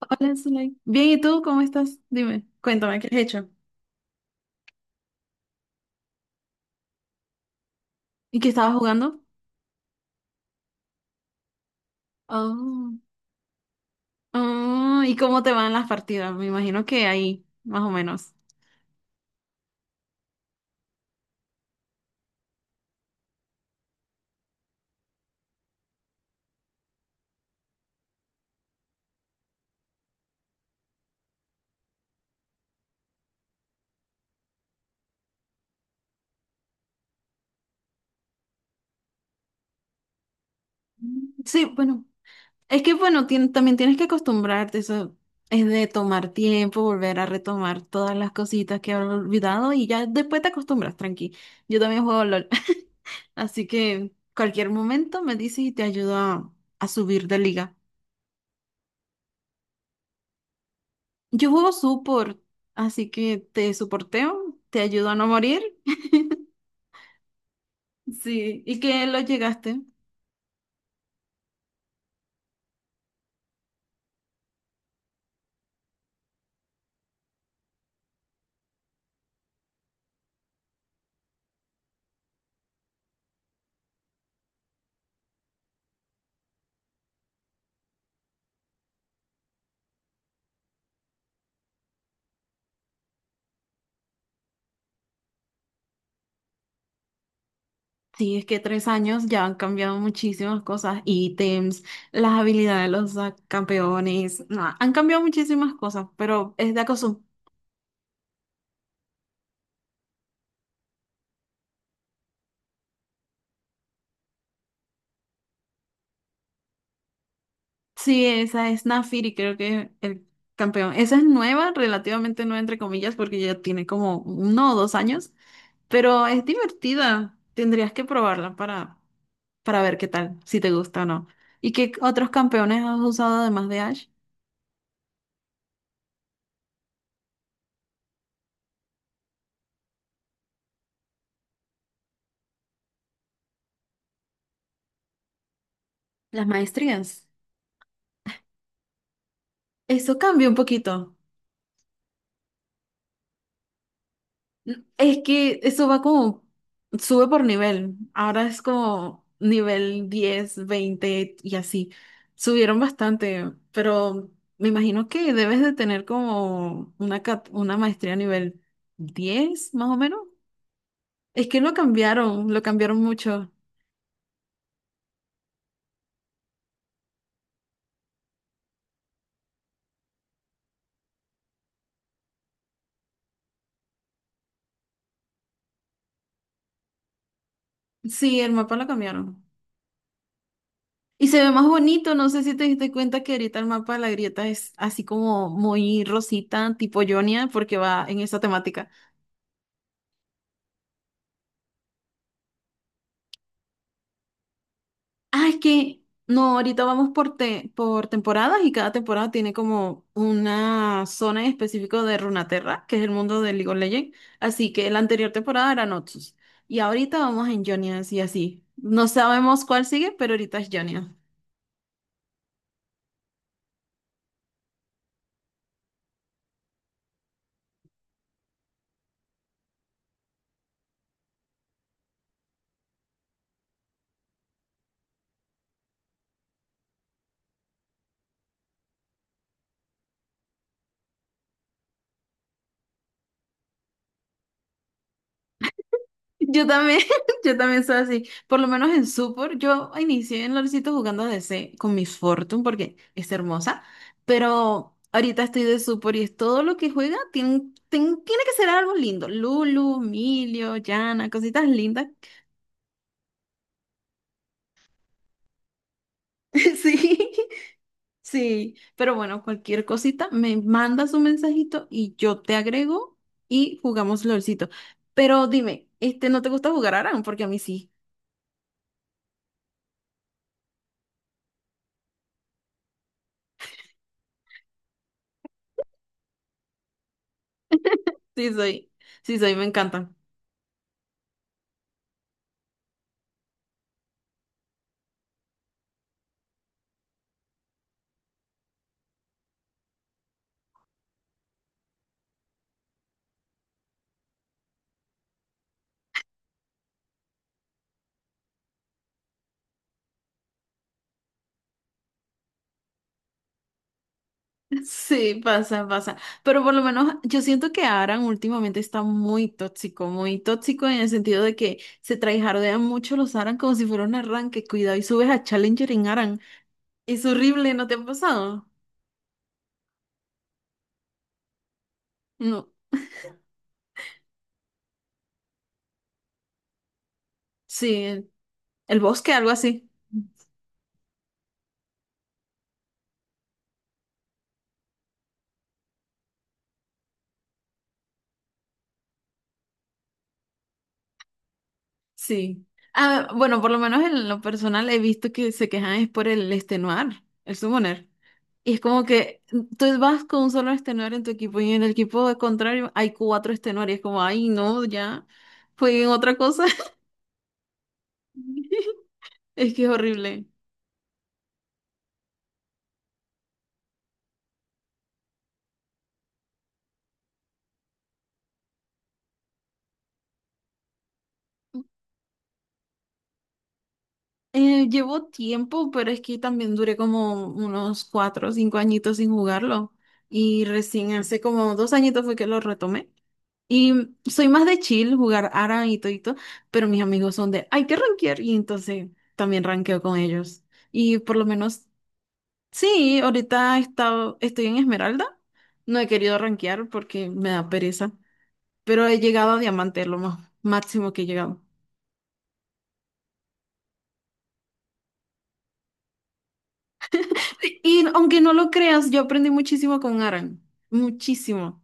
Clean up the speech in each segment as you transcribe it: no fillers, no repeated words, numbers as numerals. Hola, Zulay. Bien, ¿y tú cómo estás? Dime, cuéntame, ¿qué has hecho? ¿Y qué estabas jugando? Oh. Ah, ¿y cómo te van las partidas? Me imagino que ahí, más o menos. Mm, sí, bueno, es que bueno, también tienes que acostumbrarte, eso es de tomar tiempo, volver a retomar todas las cositas que has olvidado y ya después te acostumbras, tranqui. Yo también juego LOL, así que cualquier momento me dices y te ayudo a subir de liga. Yo juego support, así que te soporteo, te ayudo a no morir. Sí, ¿y que lo llegaste? Sí, es que 3 años ya han cambiado muchísimas cosas, ítems, las habilidades de los campeones, no, han cambiado muchísimas cosas, pero es de acoso. Sí, esa es Nafiri, creo que es el campeón. Esa es nueva, relativamente nueva, entre comillas, porque ya tiene como 1 o 2 años, pero es divertida. Tendrías que probarla para ver qué tal, si te gusta o no. ¿Y qué otros campeones has usado además de Ash? Las maestrías. Eso cambia un poquito. Es que eso va como, sube por nivel. Ahora es como nivel 10, 20 y así. Subieron bastante, pero me imagino que debes de tener como una, una maestría nivel 10 más o menos. Es que lo cambiaron mucho. Sí, el mapa lo cambiaron. Y se ve más bonito, no sé si te diste cuenta que ahorita el mapa de la grieta es así como muy rosita, tipo Jonia, porque va en esa temática. Ah, es que no, ahorita vamos por, por temporadas y cada temporada tiene como una zona en específico de Runaterra, que es el mundo de League of Legends. Así que la anterior temporada era Noxus. Y ahorita vamos en Jonia, así así. No sabemos cuál sigue, pero ahorita es Jonia. Yo también, yo también soy así. Por lo menos en Super, yo inicié en LOLcito jugando DC con Miss Fortune porque es hermosa, pero ahorita estoy de Super y es todo lo que juega tiene, tiene que ser algo lindo. Lulu, Emilio, Yana, cositas lindas. Sí, sí, pero bueno, cualquier cosita, me mandas un mensajito y yo te agrego y jugamos LOLcito. Pero dime, este, ¿no te gusta jugar Aran? Porque a mí sí, sí soy, sí soy, me encanta. Sí, pasa, pasa. Pero por lo menos yo siento que Aran últimamente está muy tóxico en el sentido de que se traijardean mucho los Aran como si fuera un arranque. Cuidado y subes a Challenger en Aran. Es horrible, ¿no te ha pasado? No. Sí, el bosque, algo así. Sí. Ah, bueno, por lo menos en lo personal he visto que se quejan es por el extenuar, el summoner. Y es como que tú vas con un solo extenuar en tu equipo y en el equipo de contrario hay cuatro extenuar y es como, ay, no, ya, fue en otra cosa. Es que es horrible. Llevo tiempo, pero es que también duré como unos 4 o 5 añitos sin jugarlo. Y recién hace como 2 añitos fue que lo retomé. Y soy más de chill, jugar Aran y todito, pero mis amigos son de, hay que rankear, y entonces también rankeo con ellos. Y por lo menos, sí, ahorita estoy en Esmeralda, no he querido rankear porque me da pereza, pero he llegado a Diamante, lo más máximo que he llegado. Y aunque no lo creas, yo aprendí muchísimo con Aran muchísimo.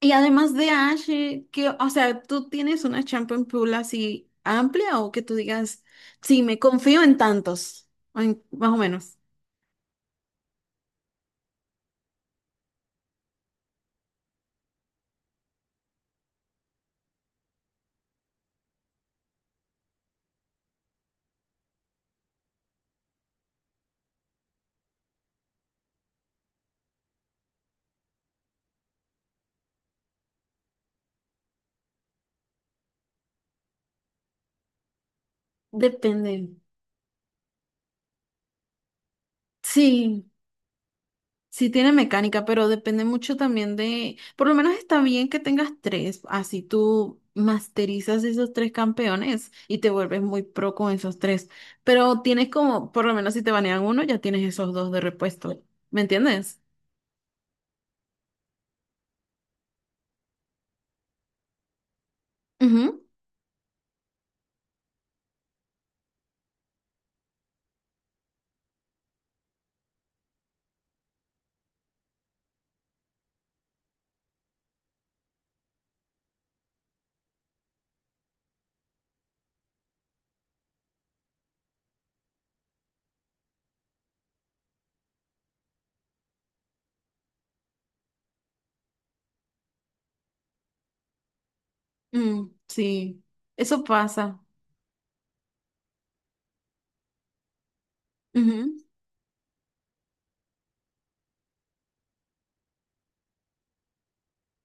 Y además de Ash, que, o sea, ¿tú tienes una champion pool así amplia o que tú digas, sí, me confío en tantos? O más o menos. Depende. Sí, sí tiene mecánica, pero depende mucho también de, por lo menos está bien que tengas tres, así tú masterizas esos tres campeones y te vuelves muy pro con esos tres. Pero tienes como, por lo menos si te banean uno, ya tienes esos dos de repuesto. ¿Me entiendes? Ujú. Mm, sí, eso pasa. Ujú.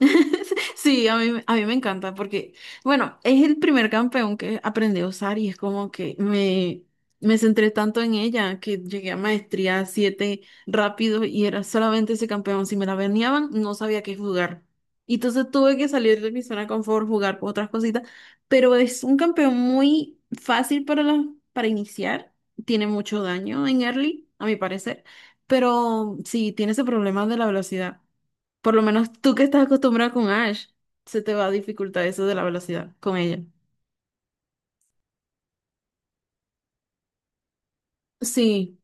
Sí, a mí me encanta porque, bueno, es el primer campeón que aprendí a usar y es como que me centré tanto en ella que llegué a maestría 7 rápido y era solamente ese campeón. Si me la venían, no sabía qué jugar. Y entonces tuve que salir de mi zona de confort, jugar con otras cositas, pero es un campeón muy fácil para, para iniciar. Tiene mucho daño en early, a mi parecer, pero sí, tiene ese problema de la velocidad. Por lo menos tú que estás acostumbrada con Ash, se te va a dificultar eso de la velocidad con ella. Sí,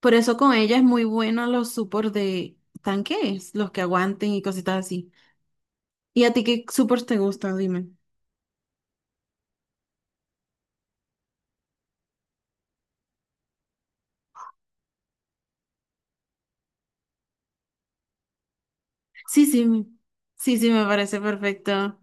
por eso con ella es muy bueno los supports de tanques, los que aguanten y cositas así. ¿Y a ti qué supports te gustan? Dime. Sí, sí, sí, sí, me parece perfecto.